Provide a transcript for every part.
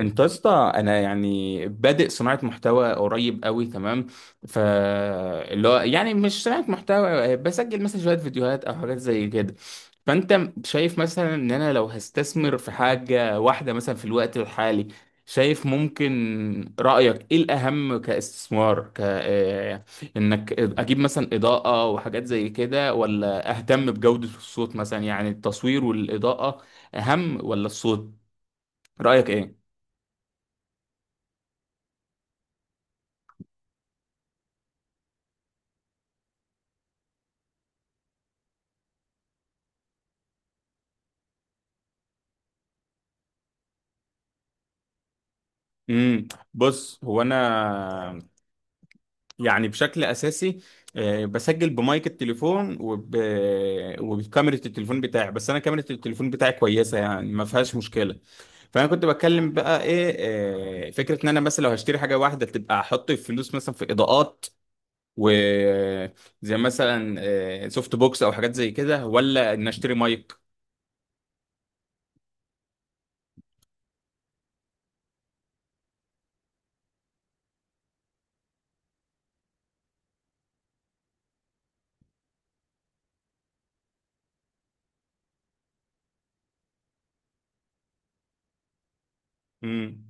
انت يا اسطى انا يعني بادئ صناعه محتوى قريب قوي تمام. ف اللي هو يعني مش صناعه محتوى، بسجل مثلا شويه فيديوهات او حاجات زي كده. فانت شايف مثلا ان انا لو هستثمر في حاجه واحده مثلا في الوقت الحالي، شايف ممكن رايك ايه الاهم كاستثمار، ك آه، انك اجيب مثلا اضاءه وحاجات زي كده، ولا اهتم بجوده الصوت مثلا؟ يعني التصوير والاضاءه اهم ولا الصوت؟ رايك ايه؟ امم بص، هو انا يعني بشكل اساسي بسجل بمايك التليفون وبكاميرا التليفون بتاعي، بس انا كاميرا التليفون بتاعي كويسه يعني، ما فيهاش مشكله. فانا كنت بتكلم بقى ايه، فكره ان انا مثلا لو هشتري حاجه واحده تبقى احط الفلوس مثلا في اضاءات، و زي مثلا سوفت بوكس او حاجات زي كده، ولا ان اشتري مايك. امم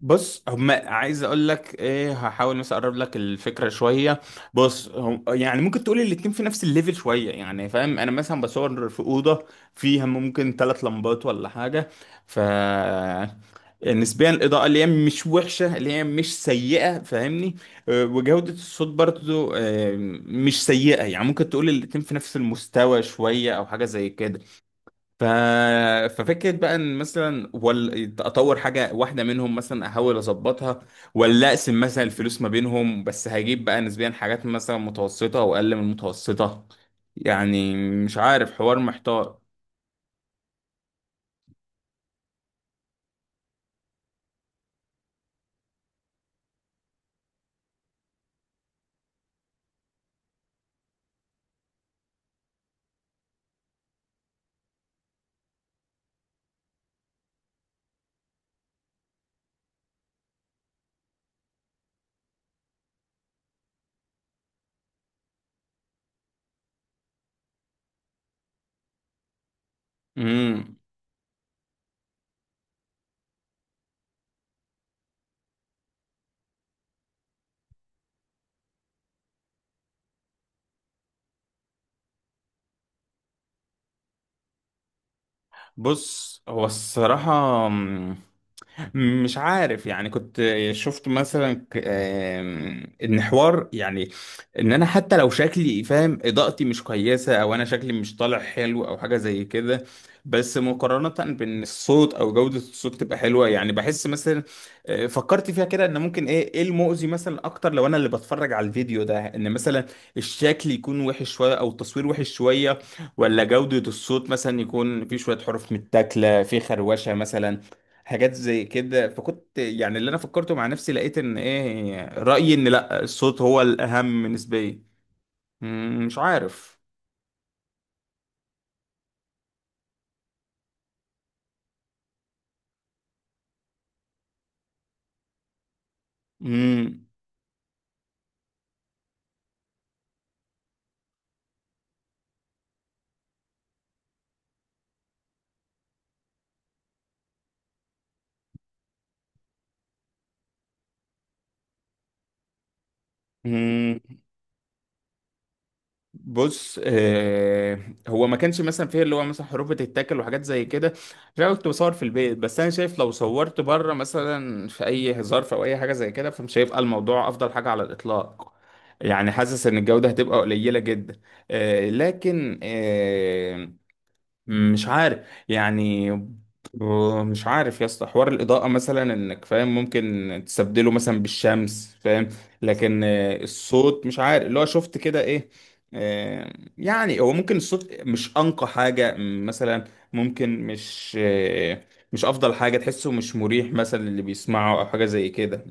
بص، هم عايز اقول لك ايه، هحاول مثلا اقرب لك الفكره شويه. بص، هم يعني ممكن تقول الاتنين في نفس الليفل شويه، يعني فاهم؟ انا مثلا بصور في اوضه فيها ممكن ثلاث لمبات ولا حاجه. ف نسبيا الاضاءه اللي هي مش وحشه، اللي هي مش سيئه، فاهمني؟ وجوده الصوت برضو مش سيئه. يعني ممكن تقول الاتنين في نفس المستوى شويه او حاجه زي كده. ف... ففكرة بقى ان مثلا، ولا اطور حاجة واحدة منهم مثلا، احاول اظبطها، ولا اقسم مثلا الفلوس ما بينهم، بس هجيب بقى نسبيا حاجات مثلا متوسطة واقل من المتوسطة، يعني مش عارف، حوار محتار. امم بص، هو الصراحة مش عارف يعني، كنت شفت مثلا ك- آم، ان حوار يعني، ان انا حتى لو شكلي فاهم اضاءتي مش كويسه، او انا شكلي مش طالع حلو او حاجه زي كده، بس مقارنه بان الصوت او جوده الصوت تبقى حلوه، يعني بحس مثلا، فكرت فيها كده ان ممكن ايه، ايه المؤذي مثلا اكتر لو انا اللي بتفرج على الفيديو ده، ان مثلا الشكل يكون وحش شويه او التصوير وحش شويه، ولا جوده الصوت مثلا يكون في شويه حروف متاكله، في خروشه مثلا، حاجات زي كده. فكنت يعني اللي انا فكرته مع نفسي، لقيت ان ايه رأيي، ان لا، الصوت هو الاهم نسبيا. مم، مش عارف. مم، مم. بص، هو ما كانش مثلا فيه اللي هو مثلا حروف بتتاكل وحاجات زي كده، عشان أنا كنت بصور في البيت، بس انا شايف لو صورت بره مثلا في اي ظرف او اي حاجه زي كده، فمش هيبقى الموضوع افضل حاجه على الاطلاق. يعني حاسس ان الجوده هتبقى قليله جدا. آه لكن آه مش عارف يعني، ب- مش عارف يا اسطى، حوار الإضاءة مثلا انك فاهم ممكن تستبدله مثلا بالشمس، فاهم؟ لكن الصوت مش عارف، اللي هو شفت كده ايه، آه، يعني هو ممكن الصوت مش أنقى حاجة، مثلا ممكن مش أفضل حاجة، تحسه مش مريح مثلا اللي بيسمعه، أو حاجة زي كده.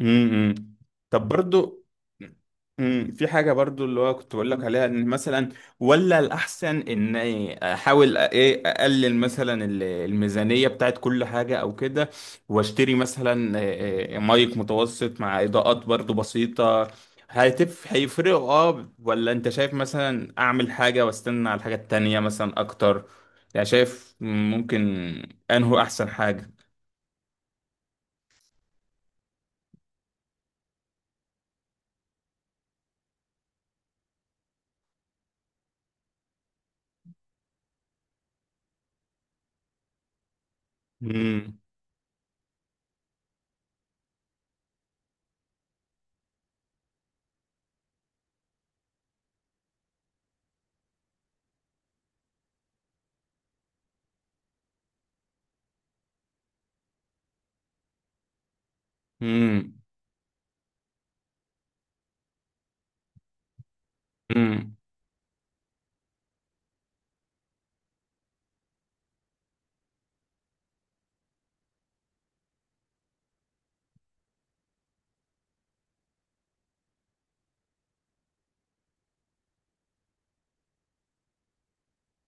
امم طب برضو، امم، في حاجة برضو اللي هو كنت بقول لك عليها، ان مثلا، ولا الأحسن ان احاول ايه اقلل مثلا الميزانية بتاعت كل حاجة او كده، واشتري مثلا مايك متوسط مع إضاءات برضو بسيطة، هيفرقوا اه، ولا انت شايف مثلا اعمل حاجة واستنى على الحاجة التانية مثلا اكتر؟ يعني شايف ممكن انه احسن حاجة. امم. امم. امم.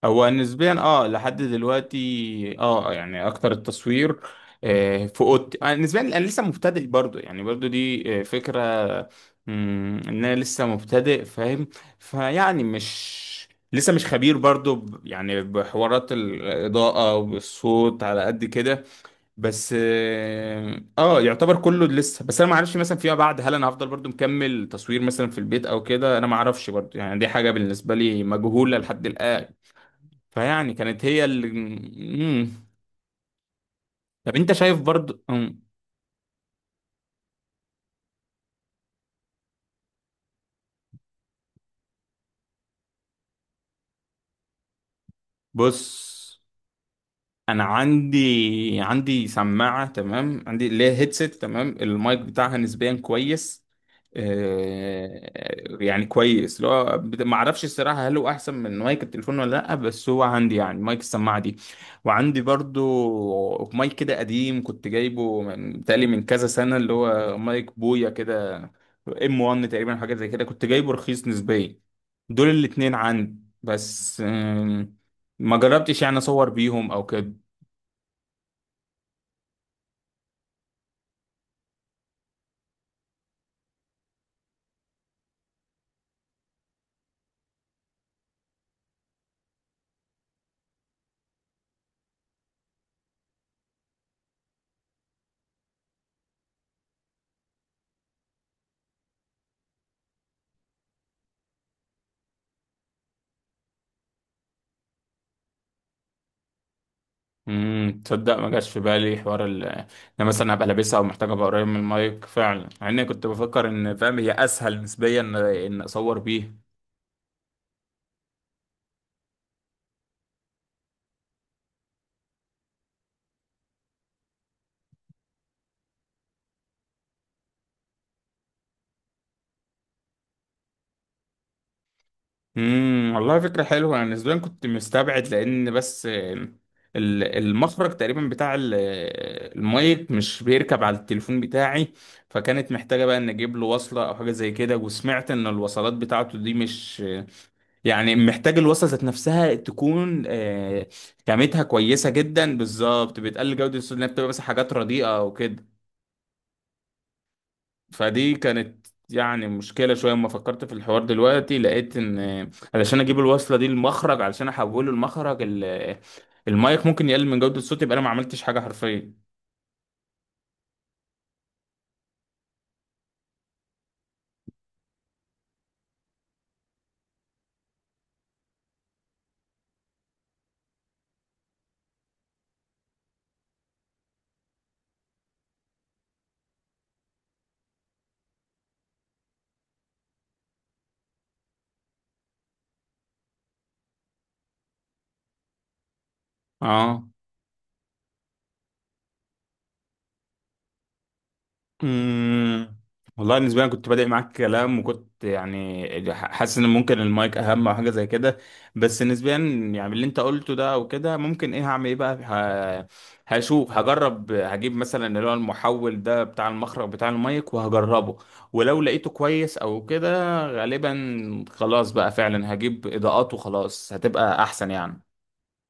هو نسبيا اه لحد دلوقتي، اه، يعني اكتر التصوير في اوضتي. نسبيا انا لسه مبتدئ برضو، يعني برضو دي فكرة، مم، ان انا لسه مبتدئ، فاهم؟ فيعني مش لسه مش خبير برضو، يعني بحوارات الاضاءة والصوت على قد كده، بس اه يعتبر كله لسه. بس انا ما اعرفش مثلا فيما بعد هل انا هفضل برضو مكمل تصوير مثلا في البيت او كده، انا ما اعرفش برضو، يعني دي حاجه بالنسبه لي مجهوله لحد الان. فيعني كانت هي اللي، مم. طب انت شايف برضو، مم. بص، انا عندي سماعه تمام، عندي اللي هي هيدسيت تمام، المايك بتاعها نسبيا كويس، يعني كويس، لو ما اعرفش الصراحه هل هو احسن من مايك التليفون ولا لا، بس هو عندي، يعني مايك السماعه دي، وعندي برضو مايك كده قديم كنت جايبه من تقريبا من كذا سنه، اللي هو مايك بويا كده، ام 1 تقريبا، حاجه زي كده، كنت جايبه رخيص نسبيا. دول الاتنين عندي بس، ما جربتش يعني اصور بيهم او كده. تصدق ما جاش في بالي حوار ال، انا مثلا ابقى لابسها او محتاج ابقى قريب من المايك فعلا، مع اني كنت بفكر ان فاهم هي اسهل نسبيا ان إن اصور بيه. امم، والله فكره حلوه. انا نسبيا كنت مستبعد لان بس، المخرج تقريبا بتاع المايك مش بيركب على التليفون بتاعي، فكانت محتاجه بقى ان اجيب له وصله او حاجه زي كده، وسمعت ان الوصلات بتاعته دي مش، يعني محتاج الوصفة ذات نفسها تكون خامتها كويسة جدا بالظبط، بتقلل جودة الصوت لأنها بتبقى مثلا حاجات رديئة أو كده. فدي كانت يعني مشكلة شوية. أما فكرت في الحوار دلوقتي، لقيت إن علشان أجيب الوصلة دي المخرج، علشان أحوله المايك، ممكن يقلل من جودة الصوت، يبقى أنا ما عملتش حاجة حرفيا. اه، امم، والله بالنسبه لي أنا كنت بادئ معاك كلام، وكنت يعني حاسس ان ممكن المايك اهم او حاجه زي كده، بس نسبيا يعني اللي انت قلته ده او كده، ممكن ايه هعمل ايه بقى، هشوف، هجرب، هجيب مثلا اللي هو المحول ده بتاع المخرج بتاع المايك، وهجربه، ولو لقيته كويس او كده، غالبا خلاص بقى فعلا هجيب اضاءات، وخلاص هتبقى احسن يعني.